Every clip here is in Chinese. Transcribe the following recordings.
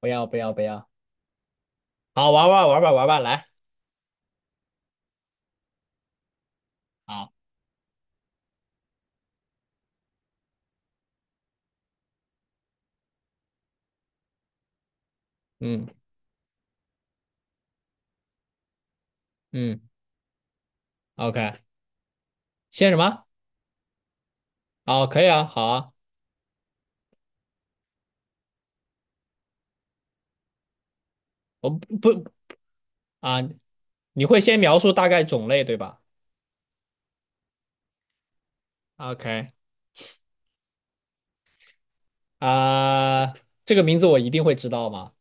不要不要不要，好，玩吧，玩吧，来，好，嗯嗯，OK，先什么？哦，可以啊，好啊，我不不啊，你会先描述大概种类对吧？OK，啊，这个名字我一定会知道吗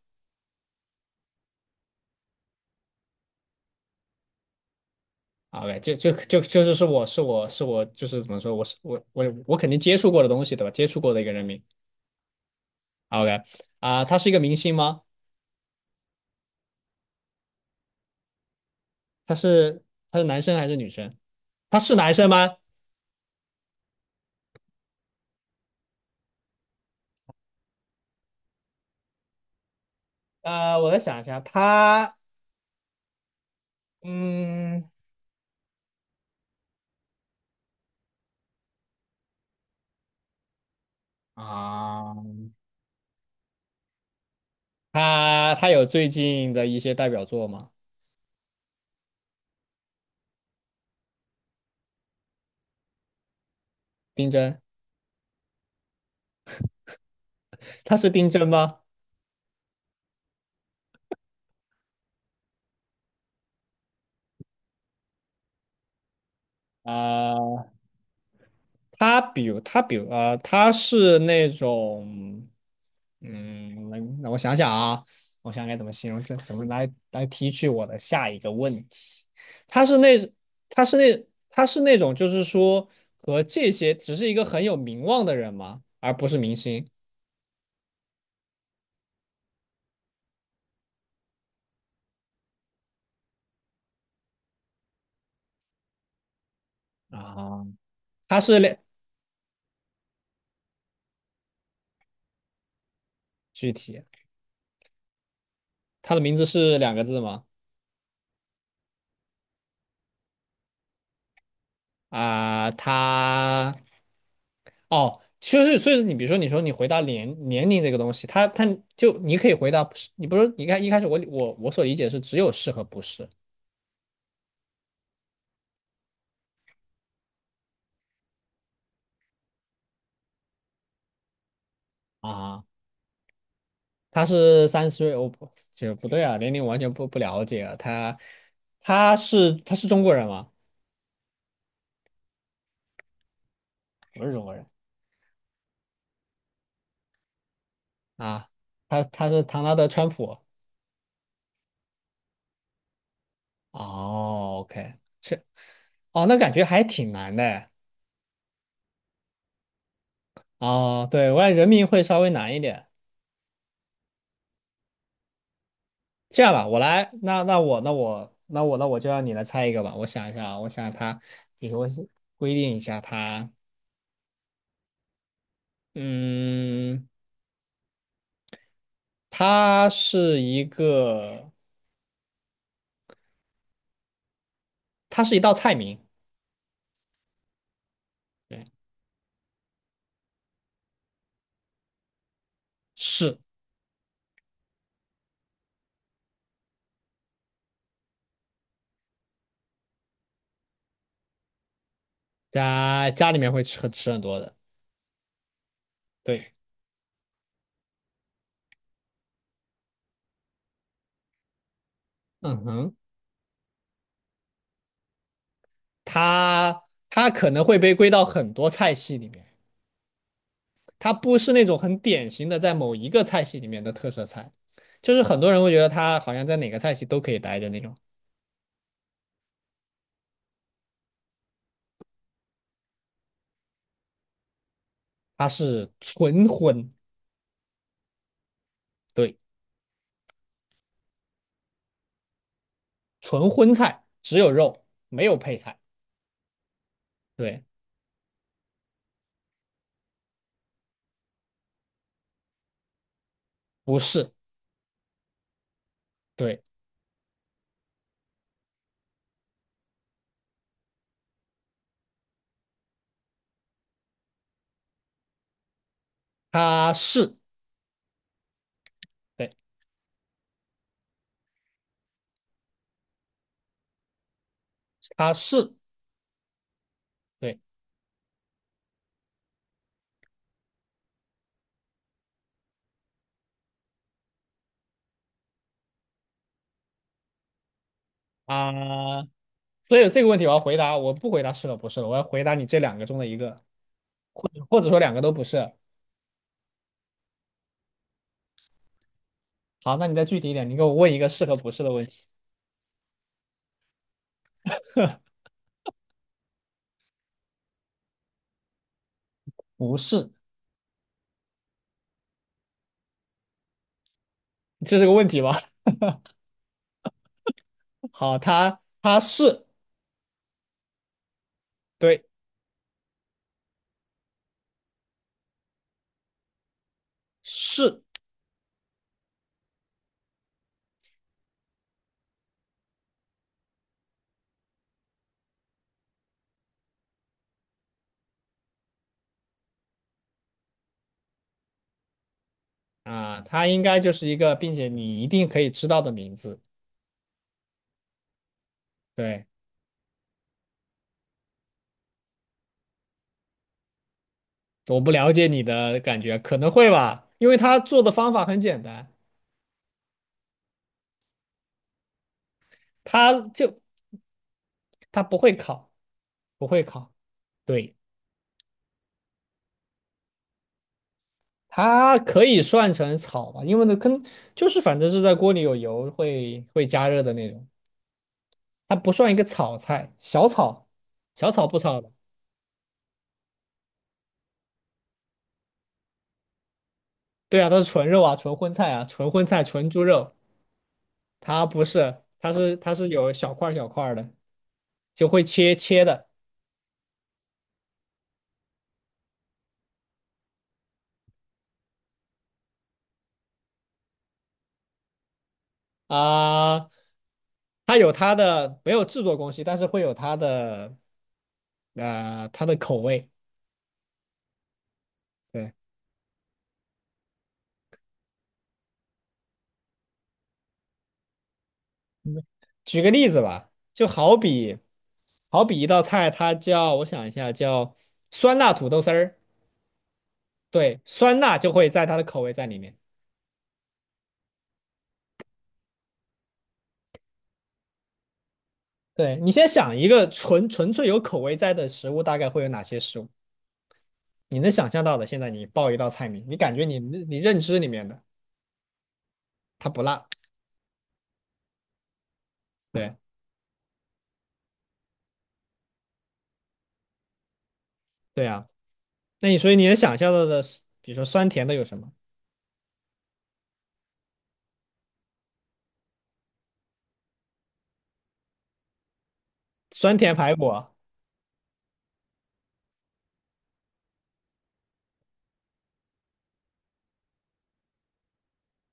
？OK，就就就就是是我是我是我就是怎么说，我是我我我肯定接触过的东西对吧？接触过的一个人名。OK,啊，他是一个明星吗？他是他是男生还是女生？他是男生吗？我再想一下，他嗯。啊，他有最近的一些代表作吗？丁真，他是丁真吗？啊，他比如,他是那种，嗯，那让我想想啊，我想该怎么形容这，怎么来提取我的下一个问题？他是那他是那种就是说和这些只是一个很有名望的人吗？而不是明星，啊，他是两具体，他的名字是2个字吗？啊、他哦，就是所以你比如说你说你回答年龄这个东西，他就你可以回答不是，你不是你看一开始我所理解是只有是和不是啊，他是30岁，我不就不对啊，年龄完全不了解啊，他他是中国人吗？不是中国人啊，他是唐纳德川普。哦，OK,是哦，那感觉还挺难的。哦，对，我感觉人名会稍微难一点。这样吧，我来，那我就让你来猜一个吧。我想一下啊，我想他，比如说规定一下他，嗯，它是一个，它是一道菜名，对，是在家里面会吃很多的，对，嗯哼，它它可能会被归到很多菜系里面，它不是那种很典型的在某一个菜系里面的特色菜，就是很多人会觉得它好像在哪个菜系都可以待着那种。它是纯荤，对，纯荤菜只有肉没有配菜，对，不是，对，它是，对，它是，对啊、所以这个问题我要回答，我不回答是了不是了，我要回答你这两个中的一个，或者说两个都不是。好，那你再具体一点，你给我问一个是和不是的问题。不是，这是个问题吧？好，它是对是啊，它应该就是一个，并且你一定可以知道的名字。对，我不了解你的感觉，可能会吧，因为他做的方法很简单，他就他不会烤，不会烤，对，它可以算成炒吧，因为那跟就是反正是在锅里有油会加热的那种，它不算一个炒菜，小炒，小炒不炒的，对啊，它是纯肉啊，纯荤菜啊，纯荤菜，纯猪肉，它不是，它是有小块儿小块儿的，就会切切的。啊、它有它的没有制作工序，但是会有它的它的口味。对，嗯举个例子吧，就好比好比一道菜，它叫我想一下，叫酸辣土豆丝儿。对，酸辣就会在它的口味在里面。对，你先想一个纯粹有口味在的食物，大概会有哪些食物？你能想象到的，现在你报一道菜名，你感觉你认知里面的它不辣。对对啊，那你所以你能想象到的，比如说酸甜的有什么？酸甜排骨，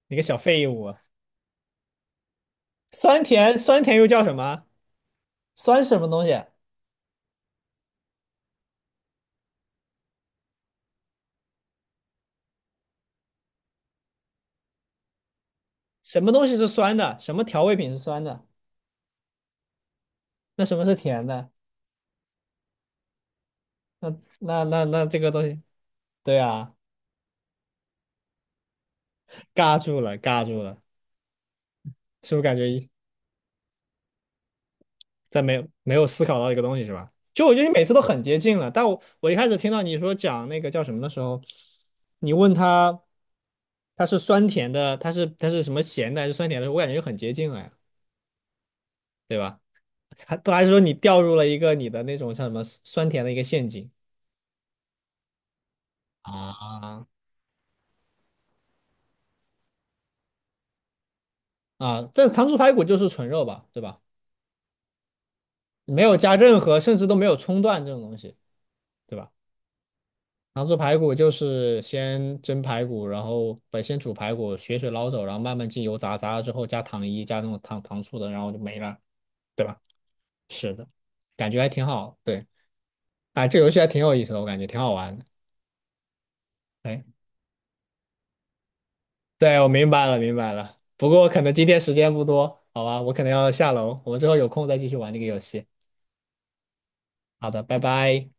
你个小废物！酸甜酸甜又叫什么？酸什么东西？什么东西是酸的？什么调味品是酸的？那什么是甜的？那那这个东西，对啊，尬住了，尬住了，是不是感觉一在没有思考到一个东西是吧？就我觉得你每次都很接近了，但我一开始听到你说讲那个叫什么的时候，你问他他是酸甜的，他是什么咸的还是酸甜的，我感觉就很接近了呀。对吧？还都还说你掉入了一个你的那种像什么酸甜的一个陷阱啊啊！但糖醋排骨就是纯肉吧，对吧？没有加任何，甚至都没有葱段这种东西，对吧？糖醋排骨就是先蒸排骨，然后不先煮排骨，血水捞走，然后慢慢进油炸，炸了之后加糖衣，加那种糖醋的，然后就没了，对吧？是的，感觉还挺好，对，哎，这游戏还挺有意思的，我感觉挺好玩的，哎。对，我明白了，明白了。不过可能今天时间不多，好吧，我可能要下楼，我们之后有空再继续玩这个游戏。好的，拜拜。